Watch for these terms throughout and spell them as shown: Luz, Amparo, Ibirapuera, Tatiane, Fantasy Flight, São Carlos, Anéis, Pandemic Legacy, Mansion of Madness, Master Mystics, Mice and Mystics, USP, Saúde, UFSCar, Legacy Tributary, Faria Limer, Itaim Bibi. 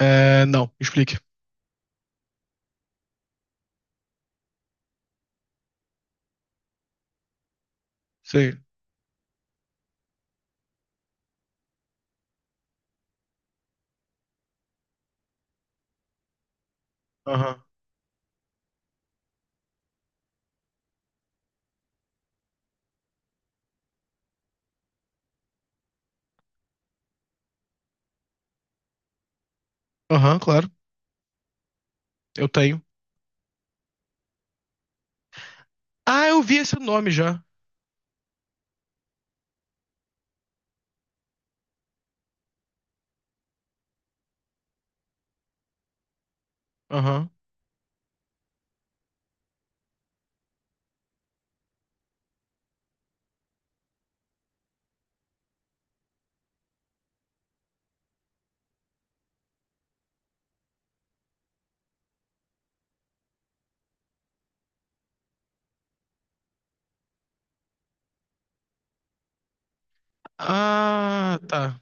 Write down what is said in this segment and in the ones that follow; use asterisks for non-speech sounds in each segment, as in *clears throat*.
É, não, explique. Sim. Aham. Aham, claro. Eu tenho. Ah, eu vi esse nome já. Aham. Ah, tá.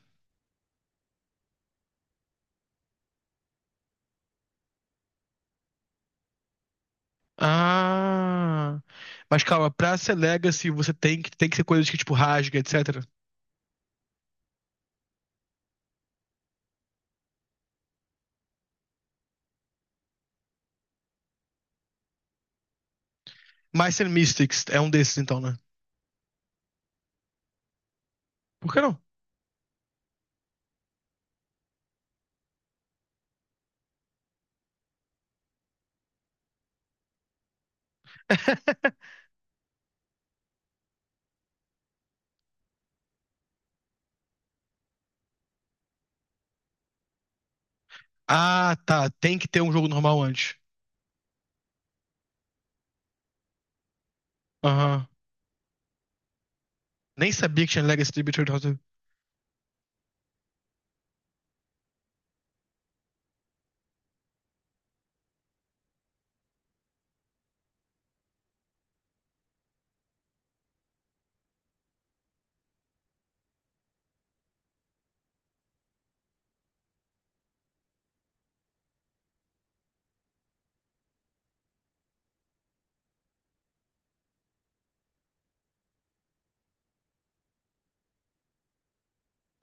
Ah. Mas calma, pra ser Legacy, você tem que ser coisas que, tipo, rasga, etc. Mice and Mystics é um desses, então, né? Por que não? *laughs* Ah, tá. Tem que ter um jogo normal antes. Aham. Nem sabia que tinha Legacy Tributary. House.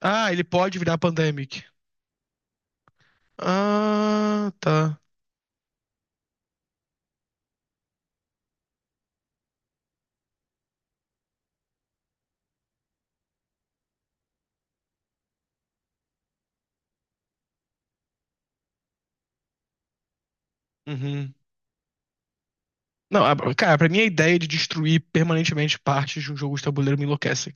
Ah, ele pode virar Pandemic. Ah, tá. Uhum. Não, cara, pra mim a ideia de destruir permanentemente partes de um jogo de tabuleiro me enlouquece.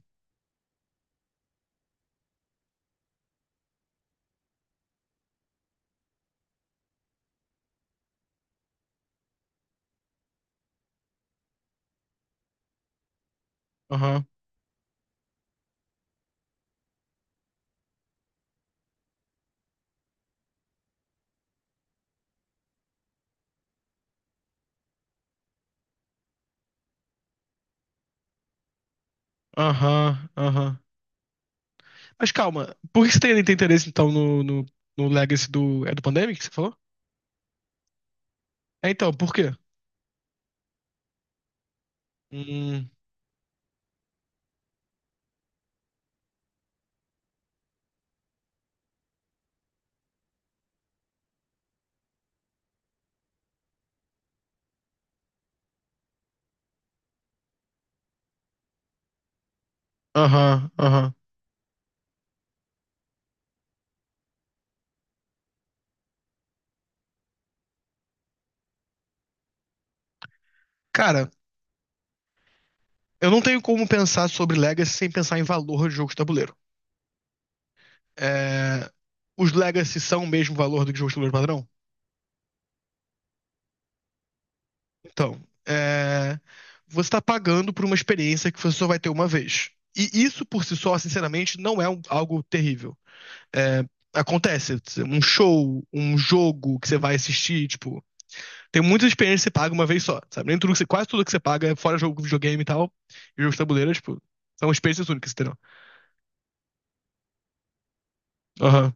Aham, aham, aham. Mas calma, por que você tem, tem interesse então no Legacy do. É do Pandemic que você falou? É então, por quê? Hum, aham, aham. Cara, eu não tenho como pensar sobre Legacy sem pensar em valor de jogo de tabuleiro. É, os Legacy são o mesmo valor do que o jogo de tabuleiro padrão? Então, é, você está pagando por uma experiência que você só vai ter uma vez. E isso por si só, sinceramente, não é algo terrível. É, acontece, um show, um jogo que você vai assistir, tipo, tem muitas experiências que você paga uma vez só, sabe? Nem tudo que você, quase tudo que você paga, fora jogo, videogame e tal, e jogos de tabuleiro, tipo, são experiências únicas, entendeu? Aham.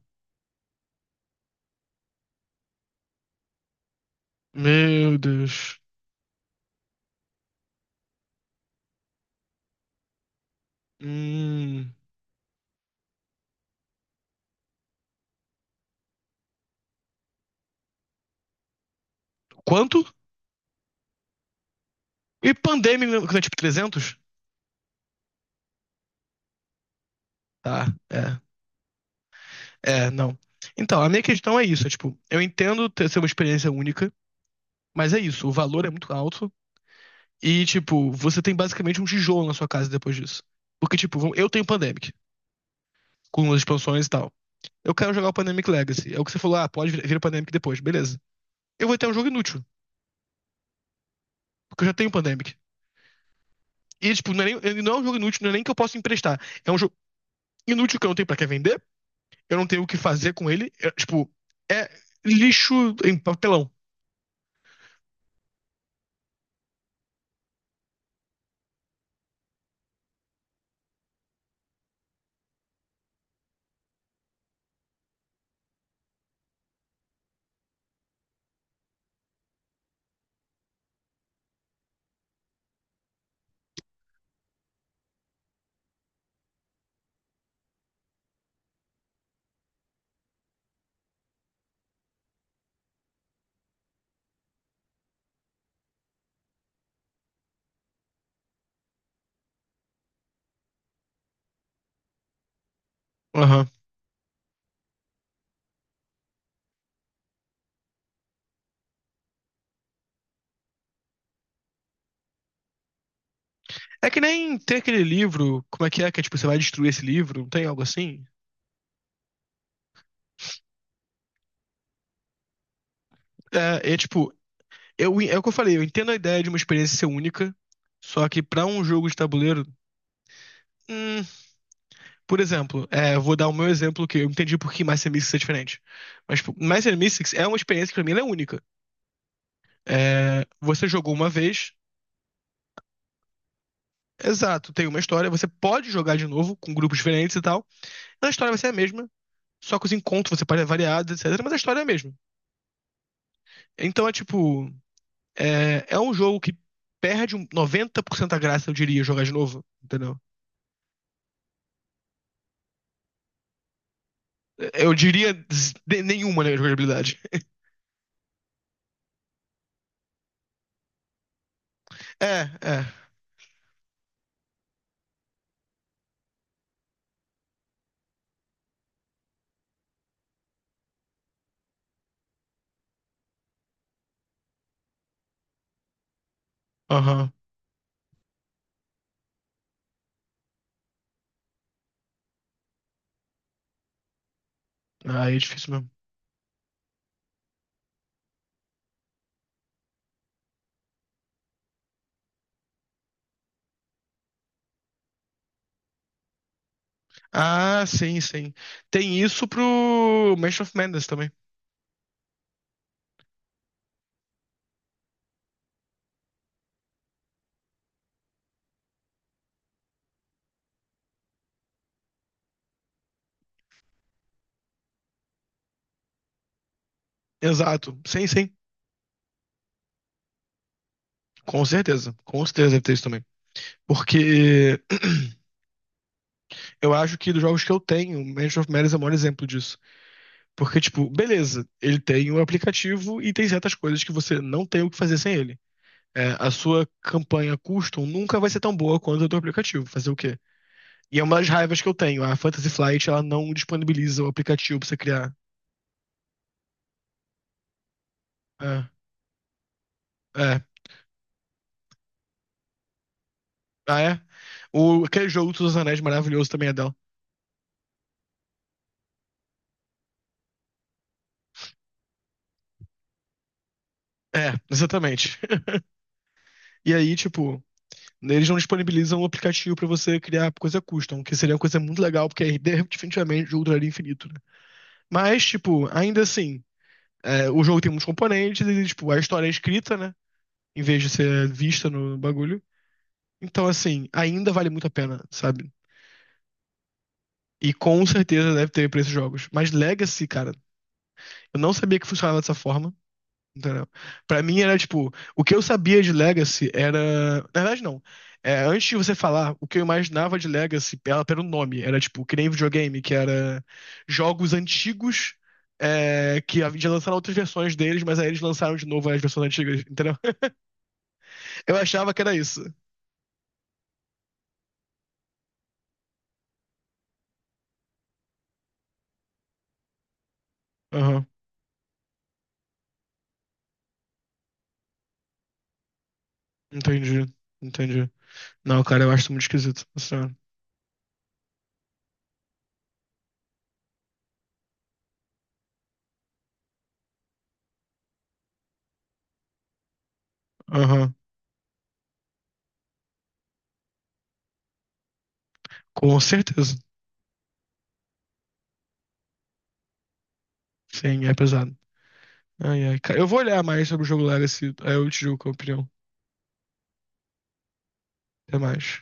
Meu Deus. Hum, quanto? E pandemia, né, tipo, 300? Tá, é. É, não. Então, a minha questão é isso, é, tipo, eu entendo ter ser uma experiência única, mas é isso, o valor é muito alto e, tipo, você tem basicamente um tijolo na sua casa depois disso. Porque, tipo, vamos- eu tenho Pandemic, com as expansões e tal. Eu quero jogar o Pandemic Legacy. É o que você falou, ah, pode vir o Pandemic depois, beleza. Eu vou ter um jogo inútil, porque eu já tenho Pandemic. E, tipo, não é nem, ele não é um jogo inútil, não é nem que eu possa emprestar. É um jogo inútil que eu não tenho pra que vender, eu não tenho o que fazer com ele. É, tipo, é lixo em papelão. Aham. É que nem tem aquele livro, como é que é, que é, tipo, você vai destruir esse livro, não tem algo assim? É, é tipo, eu, é o que eu falei, eu entendo a ideia de uma experiência ser única, só que pra um jogo de tabuleiro, hum, por exemplo, é, eu vou dar o meu exemplo que eu entendi por que Master Mystics é diferente. Mas, tipo, Master Mystics é uma experiência que pra mim ela é única. É, você jogou uma vez, exato, tem uma história, você pode jogar de novo com grupos diferentes e tal, a história vai ser a mesma, só que os encontros você pode variar, etc, mas a história é a mesma. Então é tipo. É, é um jogo que perde um 90% da graça, eu diria, jogar de novo, entendeu? É, eu diria nenhuma, né, jogabilidade. *laughs* É, é. Aham. Ah, aí é difícil mesmo. Ah, sim, sim. Tem isso pro Mansion of Madness também. Exato. Sim, sim. Com certeza. Com certeza deve ter isso também. Porque *clears throat* eu acho que dos jogos que eu tenho, o Mansion of Madness é o maior exemplo disso. Porque, tipo, beleza, ele tem o aplicativo e tem certas coisas que você não tem o que fazer sem ele. É, a sua campanha custom nunca vai ser tão boa quanto o do aplicativo. Fazer o quê? E é uma das raivas que eu tenho. A Fantasy Flight, ela não disponibiliza o aplicativo pra você criar. É, é. Ah, é? O, aquele jogo dos Anéis maravilhoso também é dela. É, exatamente. *laughs* E aí, tipo, eles não disponibilizam o aplicativo pra você criar coisa custom, que seria uma coisa muito legal, porque aí definitivamente o jogo duraria infinito, né? Mas, tipo, ainda assim, é, o jogo tem muitos componentes e, tipo, a história é escrita, né? Em vez de ser vista no bagulho. Então, assim, ainda vale muito a pena, sabe? E com certeza deve ter pra esses jogos. Mas Legacy, cara, eu não sabia que funcionava dessa forma, entendeu? Pra mim era tipo, o que eu sabia de Legacy era. Na verdade, não. É, antes de você falar, o que eu imaginava de Legacy ela pelo nome. Era tipo, que nem videogame, que era jogos antigos. É, que já lançaram outras versões deles, mas aí eles lançaram de novo as versões antigas, entendeu? *laughs* Eu achava que era isso. Aham, entendi, entendi. Não, cara, eu acho isso muito esquisito. Aham. Com certeza. Sim, é pesado. Ai, ai. Eu vou olhar mais sobre o jogo lá, esse... aí eu te digo qual é a opinião. Até mais.